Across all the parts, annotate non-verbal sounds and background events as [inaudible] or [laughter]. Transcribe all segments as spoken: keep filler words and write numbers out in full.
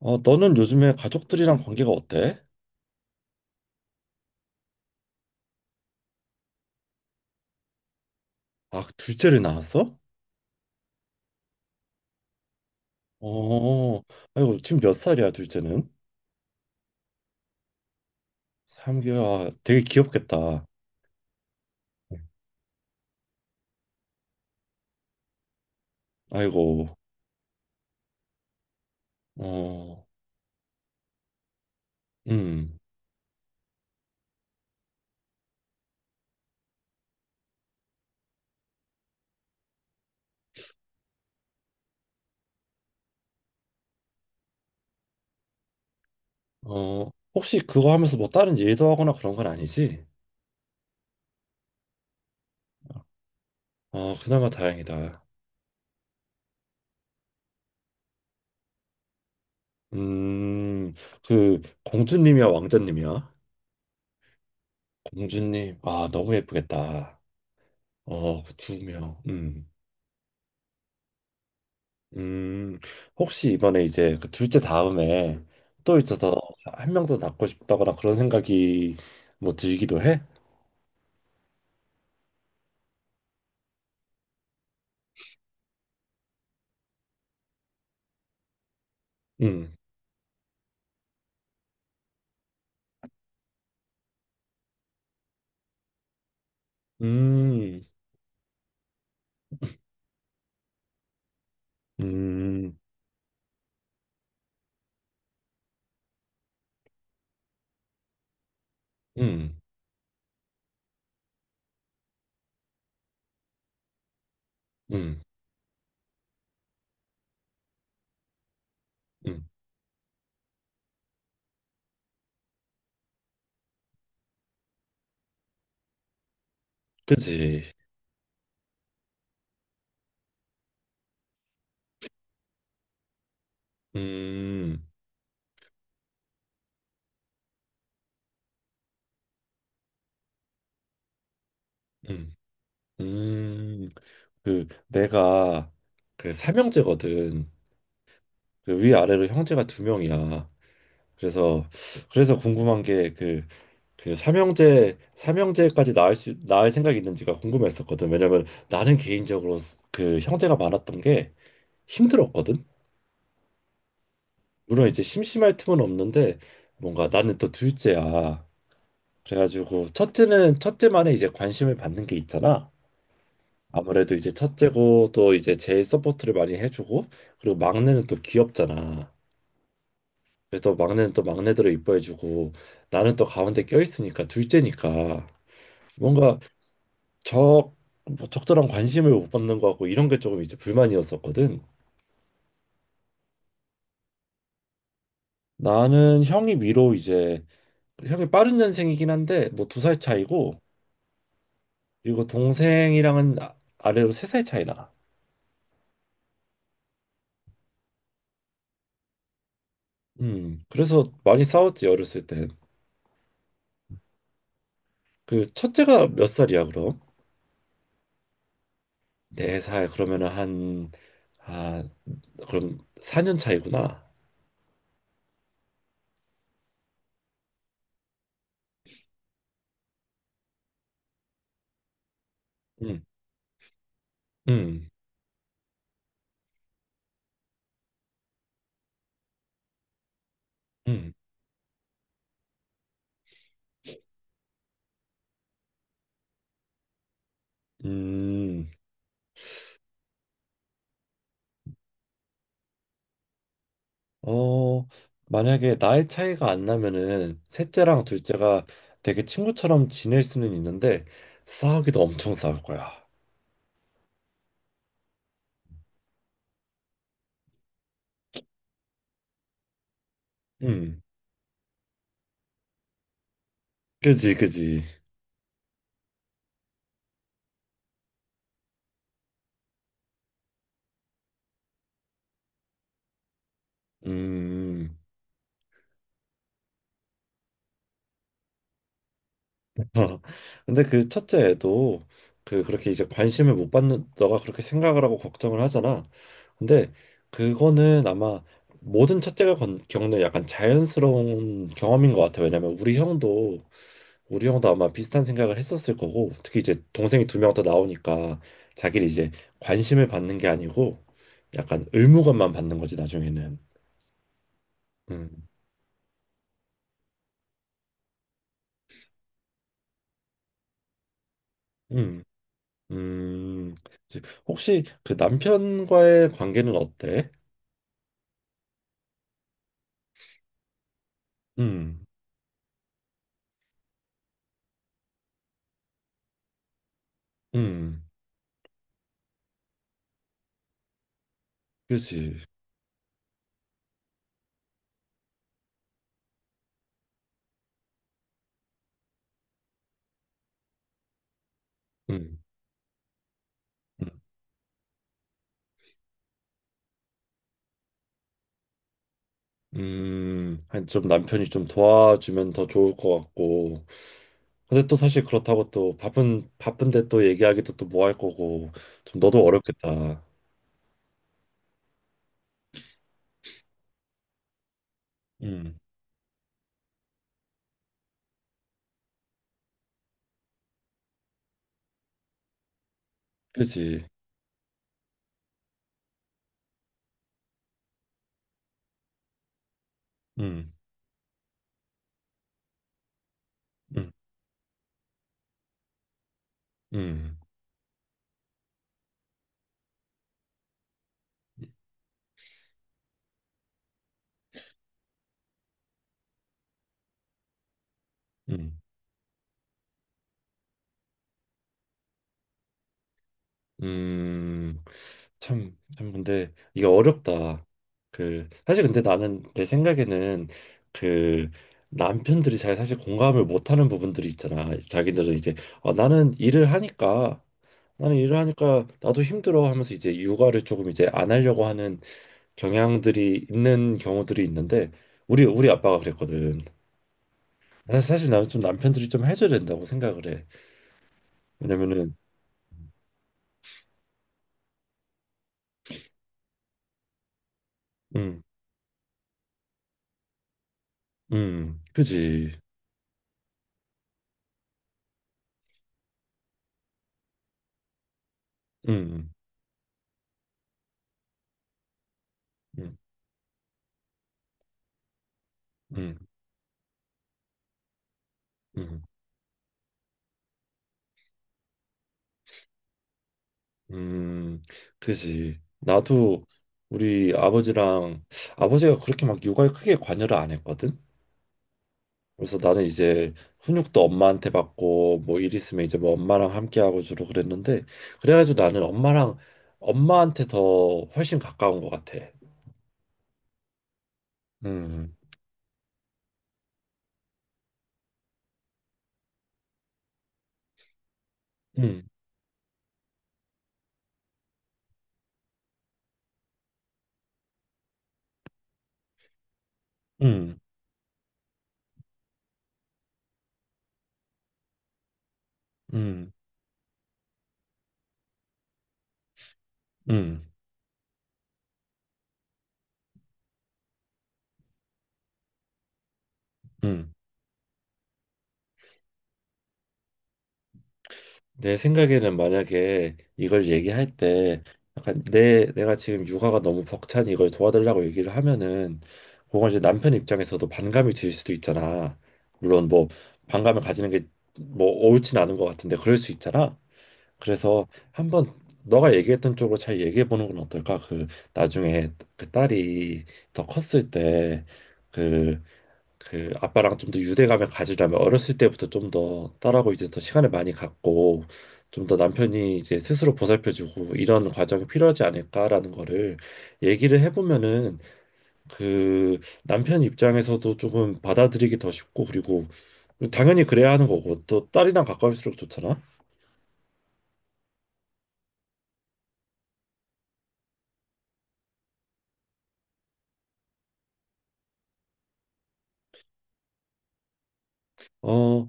어, 너는 요즘에 가족들이랑 관계가 어때? 아, 둘째를 낳았어? 어, 아이고, 지금 몇 살이야, 둘째는? 삼 개월. 아, 되게 귀엽겠다. 아이고, 어, 음, 어, 혹시 그거 하면서 뭐 다른 일도 하거나 그런 건 아니지? 어, 그나마 다행이다. 음, 그, 공주님이야, 왕자님이야? 공주님, 아, 너무 예쁘겠다. 어, 그 두 명. 음. 음, 혹시 이번에 이제 그 둘째 다음에 또 이제 더한 명 더 낳고 싶다거나 그런 생각이 뭐 들기도 해? 음. 음. 음. 음. 음. 음. 그지? 음. 음. 음. 그 내가 그 삼형제거든. 그 위아래로 형제가 두 명이야. 그래서 그래서 궁금한 게그 그 삼형제 삼형제까지 낳을 수 낳을 생각이 있는지가 궁금했었거든. 왜냐면 나는 개인적으로 스- 그 형제가 많았던 게 힘들었거든. 물론 이제 심심할 틈은 없는데 뭔가 나는 또 둘째야. 그래가지고 첫째는 첫째만의 이제 관심을 받는 게 있잖아. 아무래도 이제 첫째고 또 이제 제일 서포트를 많이 해주고, 그리고 막내는 또 귀엽잖아. 그래서 막내는 또 막내대로 이뻐해주고, 나는 또 가운데 껴있으니까 둘째니까 뭔가 적뭐 적절한 관심을 못 받는 것 같고, 이런 게 조금 이제 불만이었었거든. 나는 형이 위로 이제 형이 빠른 년생이긴 한데 뭐 두 살 차이고, 그리고 동생이랑은 아- 아래로 세 살 차이 나. 음, 그래서 많이 싸웠지, 어렸을 땐. 그 첫째가 몇 살이야, 그럼? 네 살? 그러면은 한, 아, 그럼 사 년 차이구나. 음. 음. 음. 음. 어, 만약에 나이 차이가 안 나면은 셋째랑 둘째가 되게 친구처럼 지낼 수는 있는데, 싸우기도 엄청 싸울 거야. 음, 그지, 그지. 음. [laughs] 근데 그 첫째 애도 그 그렇게 이제 관심을 못 받는, 너가 그렇게 생각을 하고 걱정을 하잖아. 근데 그거는 아마 모든 첫째가 건- 겪는 약간 자연스러운 경험인 것 같아. 왜냐면 우리 형도 우리 형도 아마 비슷한 생각을 했었을 거고, 특히 이제 동생이 두 명 더 나오니까 자기를 이제 관심을 받는 게 아니고 약간 의무감만 받는 거지, 나중에는. 음. 음. 음. 이제, 혹시 그 남편과의 관계는 어때? 음. 음. 그치. 음. 음. 음. 아니, 좀 남편이 좀 도와주면 더 좋을 것 같고. 근데 또 사실 그렇다고 또 바쁜, 바쁜데 또 얘기하기도 또 뭐 할 거고. 좀 너도 어렵겠다. 음. 그지. 음. 음. 음. 음. 음. 참, 참, 근데 이게 어렵다. 그, 사실 근데 나는 내 생각에는 그 남편들이 잘 사실 공감을 못하는 부분들이 있잖아. 자기들은 이제 어, 나는 일을 하니까 나는 일을 하니까 나도 힘들어 하면서 이제 육아를 조금 이제 안 하려고 하는 경향들이 있는 경우들이 있는데, 우리 우리 아빠가 그랬거든. 사실 나는 좀 남편들이 좀 해줘야 된다고 생각을 해. 왜냐면은, 음, 음, 그지. 음. 음. 음. 음. 음. 그지. 나도 우리 아버지랑, 아버지가 그렇게 막 육아에 크게 관여를 안 했거든. 그래서 나는 이제 훈육도 엄마한테 받고, 뭐 일 있으면 이제 뭐 엄마랑 함께 하고 주로 그랬는데, 그래가지고 나는 엄마랑 엄마한테 더 훨씬 가까운 것 같아. 음. 음. 음. 음. 음. 음. 내 생각에는 만약에 이걸 얘기할 때 약간 내 내가 지금 육아가 너무 벅차니 이걸 도와달라고 얘기를 하면은 그건 이제 남편 입장에서도 반감이 들 수도 있잖아. 물론 뭐 반감을 가지는 게 뭐 옳진 않은 것 같은데 그럴 수 있잖아. 그래서 한번 너가 얘기했던 쪽으로 잘 얘기해 보는 건 어떨까? 그 나중에 그 딸이 더 컸을 때그 그 아빠랑 좀 더 유대감을 가지려면 어렸을 때부터 좀 더 딸하고 이제 더 시간을 많이 갖고, 좀 더 남편이 이제 스스로 보살펴주고 이런 과정이 필요하지 않을까라는 거를 얘기를 해보면은 그 남편 입장에서도 조금 받아들이기 더 쉽고, 그리고 당연히 그래야 하는 거고 또 딸이랑 가까울수록 좋잖아. 어,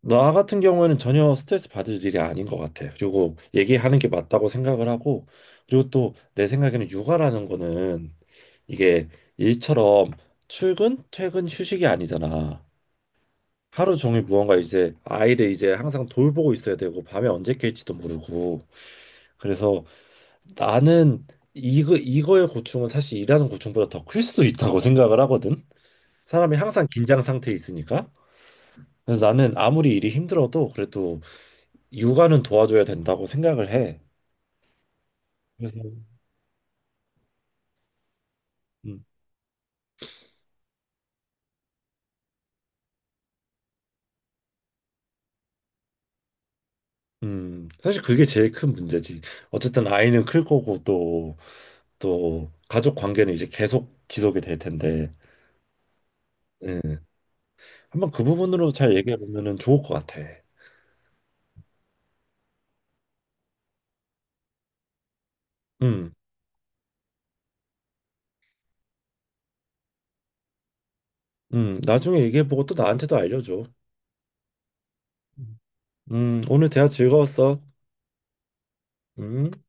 나 같은 경우에는 전혀 스트레스 받을 일이 아닌 것 같아. 그리고 얘기하는 게 맞다고 생각을 하고, 그리고 또 내 생각에는 육아라는 거는 이게 일처럼 출근, 퇴근, 휴식이 아니잖아. 하루 종일 무언가 이제 아이를 이제 항상 돌보고 있어야 되고, 밤에 언제 깰지도 모르고. 그래서 나는 이거 이거의 고충은 사실 일하는 고충보다 더 클 수도 있다고 생각을 하거든. 사람이 항상 긴장 상태에 있으니까. 그래서 나는 아무리 일이 힘들어도 그래도 육아는 도와줘야 된다고 생각을 해. 그래서, 음, 음, 사실 그게 제일 큰 문제지. 어쨌든 아이는 클 거고, 또 또 가족 관계는 이제 계속 지속이 될 텐데, 예. 한번 그 부분으로 잘 얘기해 보면은 좋을 것 같아. 음, 음, 나중에 얘기해 보고 또 나한테도 알려줘. 음, 오늘 대화 즐거웠어. 음.